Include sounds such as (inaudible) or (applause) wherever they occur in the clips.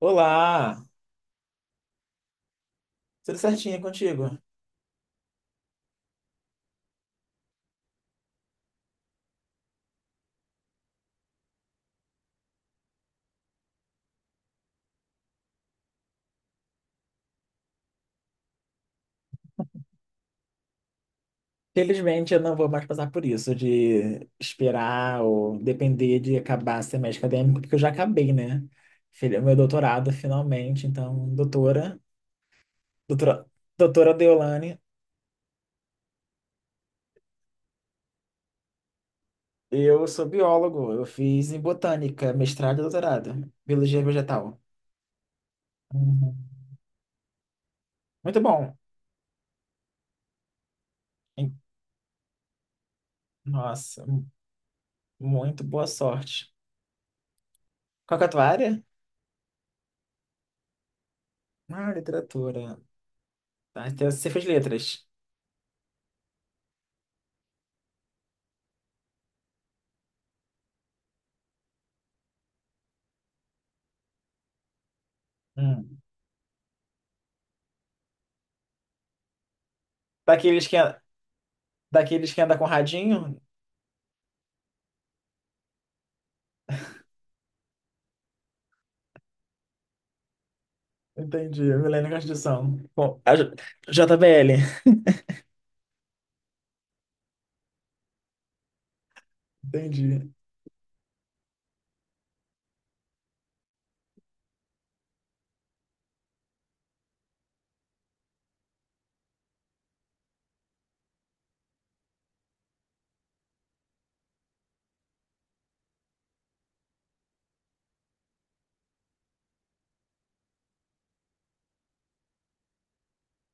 Olá, tudo certinho contigo? Felizmente eu não vou mais passar por isso de esperar ou depender de acabar semestre acadêmico, porque eu já acabei, né? Meu doutorado finalmente, então, doutora, doutora, doutora Deolane, eu sou biólogo, eu fiz em botânica, mestrado e doutorado, biologia vegetal. Uhum. Muito bom. Em- Nossa, muito boa sorte. Qual que é a tua área? Ah, literatura. Tá, então você fez letras. Hum. Daqueles que daqueles que anda com radinho? Entendi. Milênio Constituição. Bom, JBL. Entendi.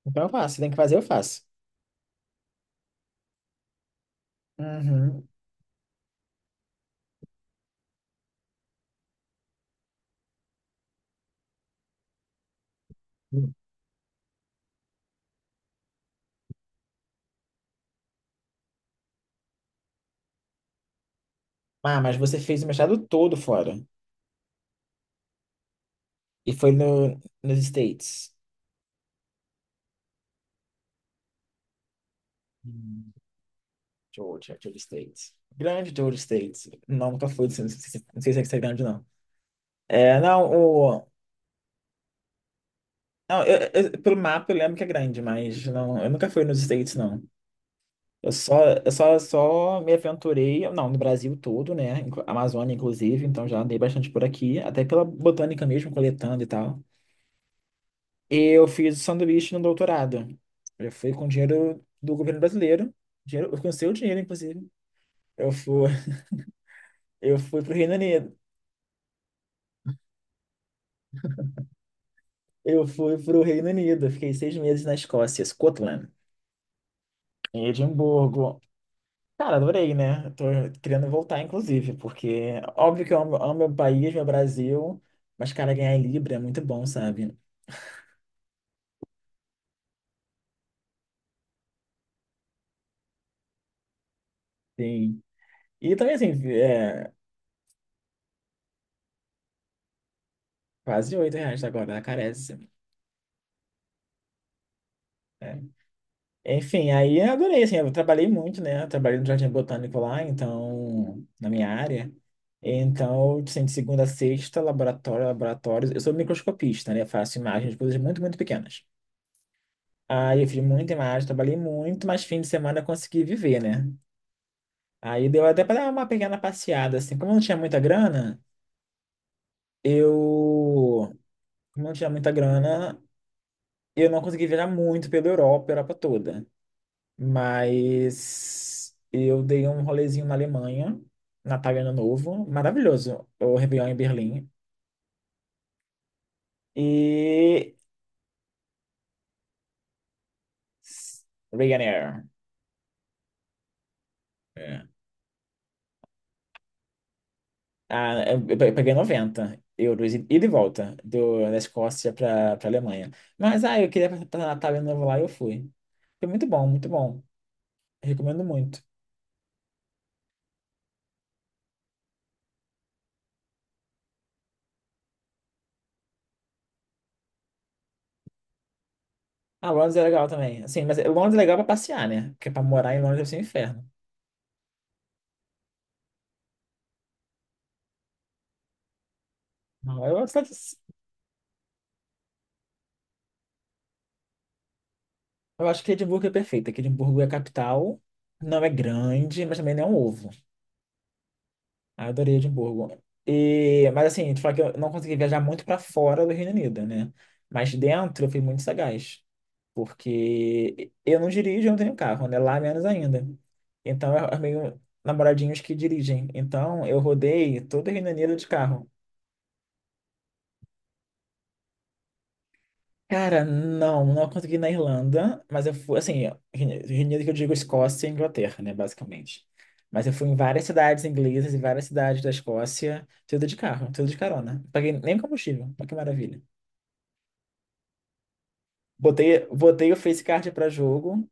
Então eu faço. Se tem que fazer, eu faço. Uhum. Ah, mas você fez o mestrado todo fora. E foi no, nos States. Hum, Georgia, Georgia States. Grande Georgia States. Não, nunca fui. Não sei, se não sei se é grande, não. É, não, o… Não, pelo mapa eu lembro que é grande, mas não, eu nunca fui nos States, não. Eu só, só me aventurei, não, no Brasil todo, né? Amazônia, inclusive, então já andei bastante por aqui, até pela botânica mesmo, coletando e tal. Eu fiz sanduíche no doutorado. Eu fui com dinheiro do governo brasileiro, dinheiro, com seu dinheiro, inclusive. Eu fui, (laughs) eu fui pro Reino Unido. Eu fui pro Reino Unido, fiquei seis meses na Escócia, Scotland, em Edimburgo. Cara, adorei, né? Tô querendo voltar, inclusive, porque óbvio que eu amo, amo meu país, meu Brasil, mas, cara, ganhar em Libra é muito bom, sabe? Sim. E também, assim, é, quase oito reais agora, ela carece. Né? Enfim, aí eu adorei, assim, eu trabalhei muito, né? Eu trabalhei no Jardim Botânico lá, então, na minha área. Então, assim, de segunda a sexta, laboratório, laboratórios. Eu sou microscopista, né? Eu faço imagens de coisas muito, muito pequenas. Aí eu fiz muita imagem, trabalhei muito, mas fim de semana eu consegui viver, né? Aí deu até para dar uma pequena passeada, assim. Eu. Como eu não tinha muita grana, eu não consegui viajar muito pela Europa, Europa toda. Mas eu dei um rolezinho na Alemanha, Natal e Ano Novo, maravilhoso. O Réveillon em Berlim. E. Ryanair. É. Ah, eu peguei noventa euros e de volta da Escócia para Alemanha. Mas eu queria passar Natal e Ano Novo lá e eu fui. Foi muito bom, muito bom. Recomendo muito. Ah, Londres é legal também. Assim, mas Londres é legal pra passear, né? Porque pra morar em Londres deve ser um inferno. Não, eu, eu acho que Edimburgo é perfeita. Que Edimburgo é a capital. Não é grande, mas também não é um ovo. Ah, eu adorei Edimburgo. E, mas assim, te falar que eu não consegui viajar muito pra fora do Reino Unido, né? Mas dentro eu fui muito sagaz. Porque eu não dirijo, eu não tenho carro, né? Lá menos ainda. Então, é meio namoradinhos que dirigem. Então, eu rodei todo o Reino Unido de carro. Cara, não, não consegui na Irlanda, mas eu fui, assim, Reino Unido que eu digo Escócia e Inglaterra, né, basicamente. Mas eu fui em várias cidades inglesas e várias cidades da Escócia, tudo de carro, tudo de carona. Paguei nem combustível, olha que maravilha. Botei o Face Card pra jogo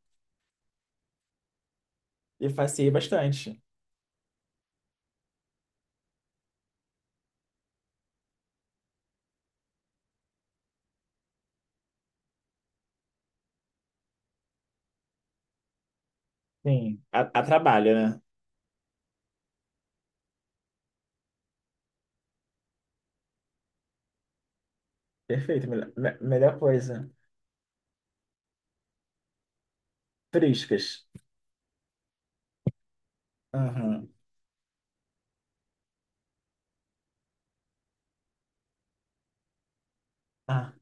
e passei bastante. Sim, a trabalho, né? Perfeito, melhor, melhor coisa. Turísticas. Aham. Ah,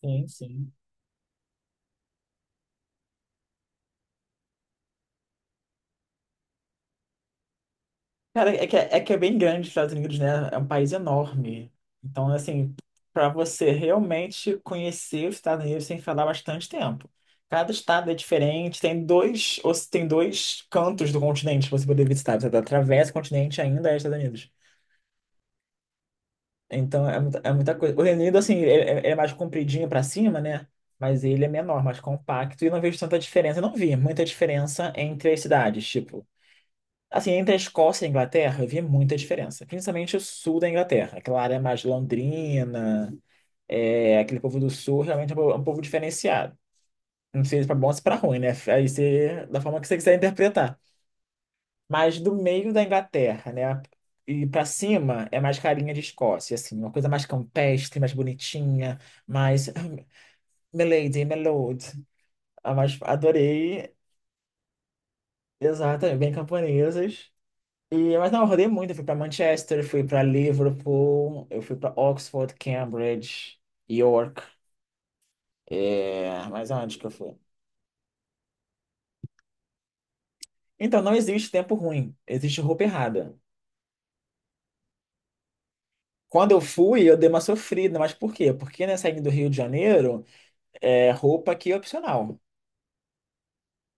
sim, sim. Cara, é que é bem grande os Estados Unidos, né? É um país enorme. Então, assim, para você realmente conhecer os Estados Unidos sem falar bastante tempo. Cada estado é diferente, tem dois, ou se tem dois cantos do continente pra você poder visitar. Você atravessa o continente e ainda é Estados Unidos. Então, é muita coisa. O Reino Unido, assim, ele é mais compridinho para cima, né? Mas ele é menor, mais compacto, e eu não vejo tanta diferença. Eu não vi muita diferença entre as cidades. Tipo, assim, entre a Escócia e a Inglaterra, eu via muita diferença, principalmente o sul da Inglaterra, aquela área mais londrina, é, aquele povo do sul realmente é um povo diferenciado. Não sei se para bom ou se para ruim, né? Aí você, da forma que você quiser interpretar. Mas do meio da Inglaterra, né? E para cima é mais carinha de Escócia, assim, uma coisa mais campestre, mais bonitinha, mais (clears throat) (laughs) ah, milady, my lord. Ah, mas adorei, exatamente, bem camponesas. E, mas não, eu rodei muito. Eu fui para Manchester, fui para Liverpool, eu fui para Oxford, Cambridge, York. É, mas aonde que eu fui? Então, não existe tempo ruim, existe roupa errada. Quando eu fui, eu dei uma sofrida, mas por quê? Porque, né, saindo do Rio de Janeiro, é, roupa aqui é opcional.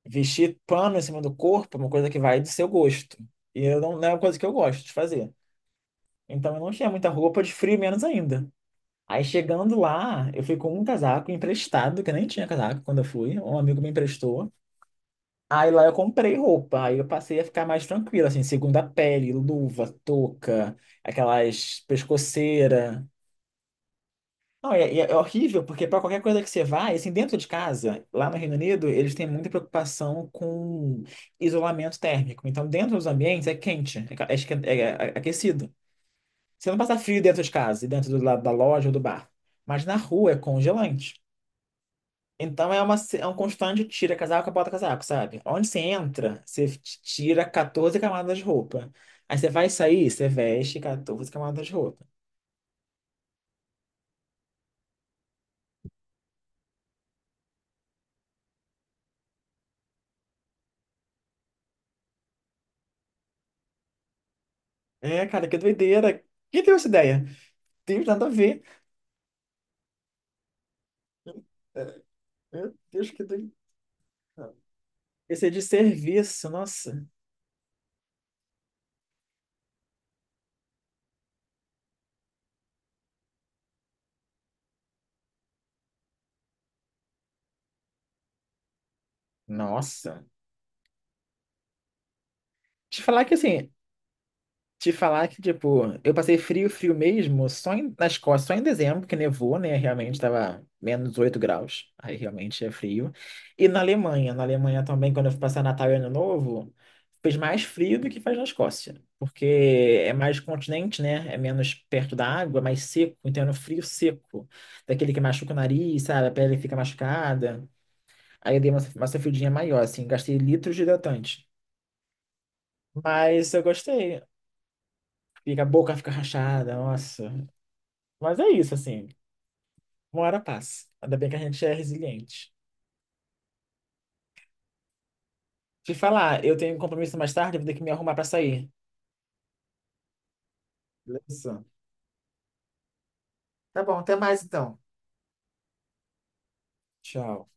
Vestir pano em cima do corpo é uma coisa que vai do seu gosto. E eu não, não é uma coisa que eu gosto de fazer. Então, eu não tinha muita roupa de frio, menos ainda. Aí chegando lá, eu fui com um casaco emprestado, que eu nem tinha casaco quando eu fui, um amigo me emprestou. Aí lá eu comprei roupa, aí eu passei a ficar mais tranquilo, assim, segunda pele, luva, touca, aquelas pescoceira. Não, é, é horrível, porque para qualquer coisa que você vai, assim, dentro de casa, lá no Reino Unido, eles têm muita preocupação com isolamento térmico. Então, dentro dos ambientes é quente, é aquecido. Você não passa frio dentro de casa, e dentro do lado da loja ou do bar. Mas na rua é congelante. Então é, uma, se- é um constante tira casaco, bota casaco, sabe? Onde você entra, você tira 14 camadas de roupa. Aí você vai sair, você veste 14 camadas de roupa. É, cara, que doideira. Quem teve essa ideia? Tem nada a ver. É, Meu Deus, que doideira. Esse é de serviço, nossa. Nossa. Te falar que assim, Te falar que, tipo, eu passei frio, frio mesmo, na Escócia, só em dezembro, que nevou, né? Realmente tava menos 8 graus, aí realmente é frio. E na Alemanha também, quando eu fui passar Natal e Ano Novo, fez mais frio do que faz na Escócia, porque é mais continente, né? É menos perto da água, mais seco, então era um frio seco, daquele que machuca o nariz, sabe? A pele fica machucada. Aí eu dei uma sofridinha maior, assim, gastei litros de hidratante. Mas eu gostei. Fica, a boca fica rachada, nossa. Mas é isso, assim. Uma hora passa. Ainda bem que a gente é resiliente. Te falar, eu tenho um compromisso mais tarde, eu vou ter que me arrumar pra sair. Beleza? Tá bom, até mais então. Tchau.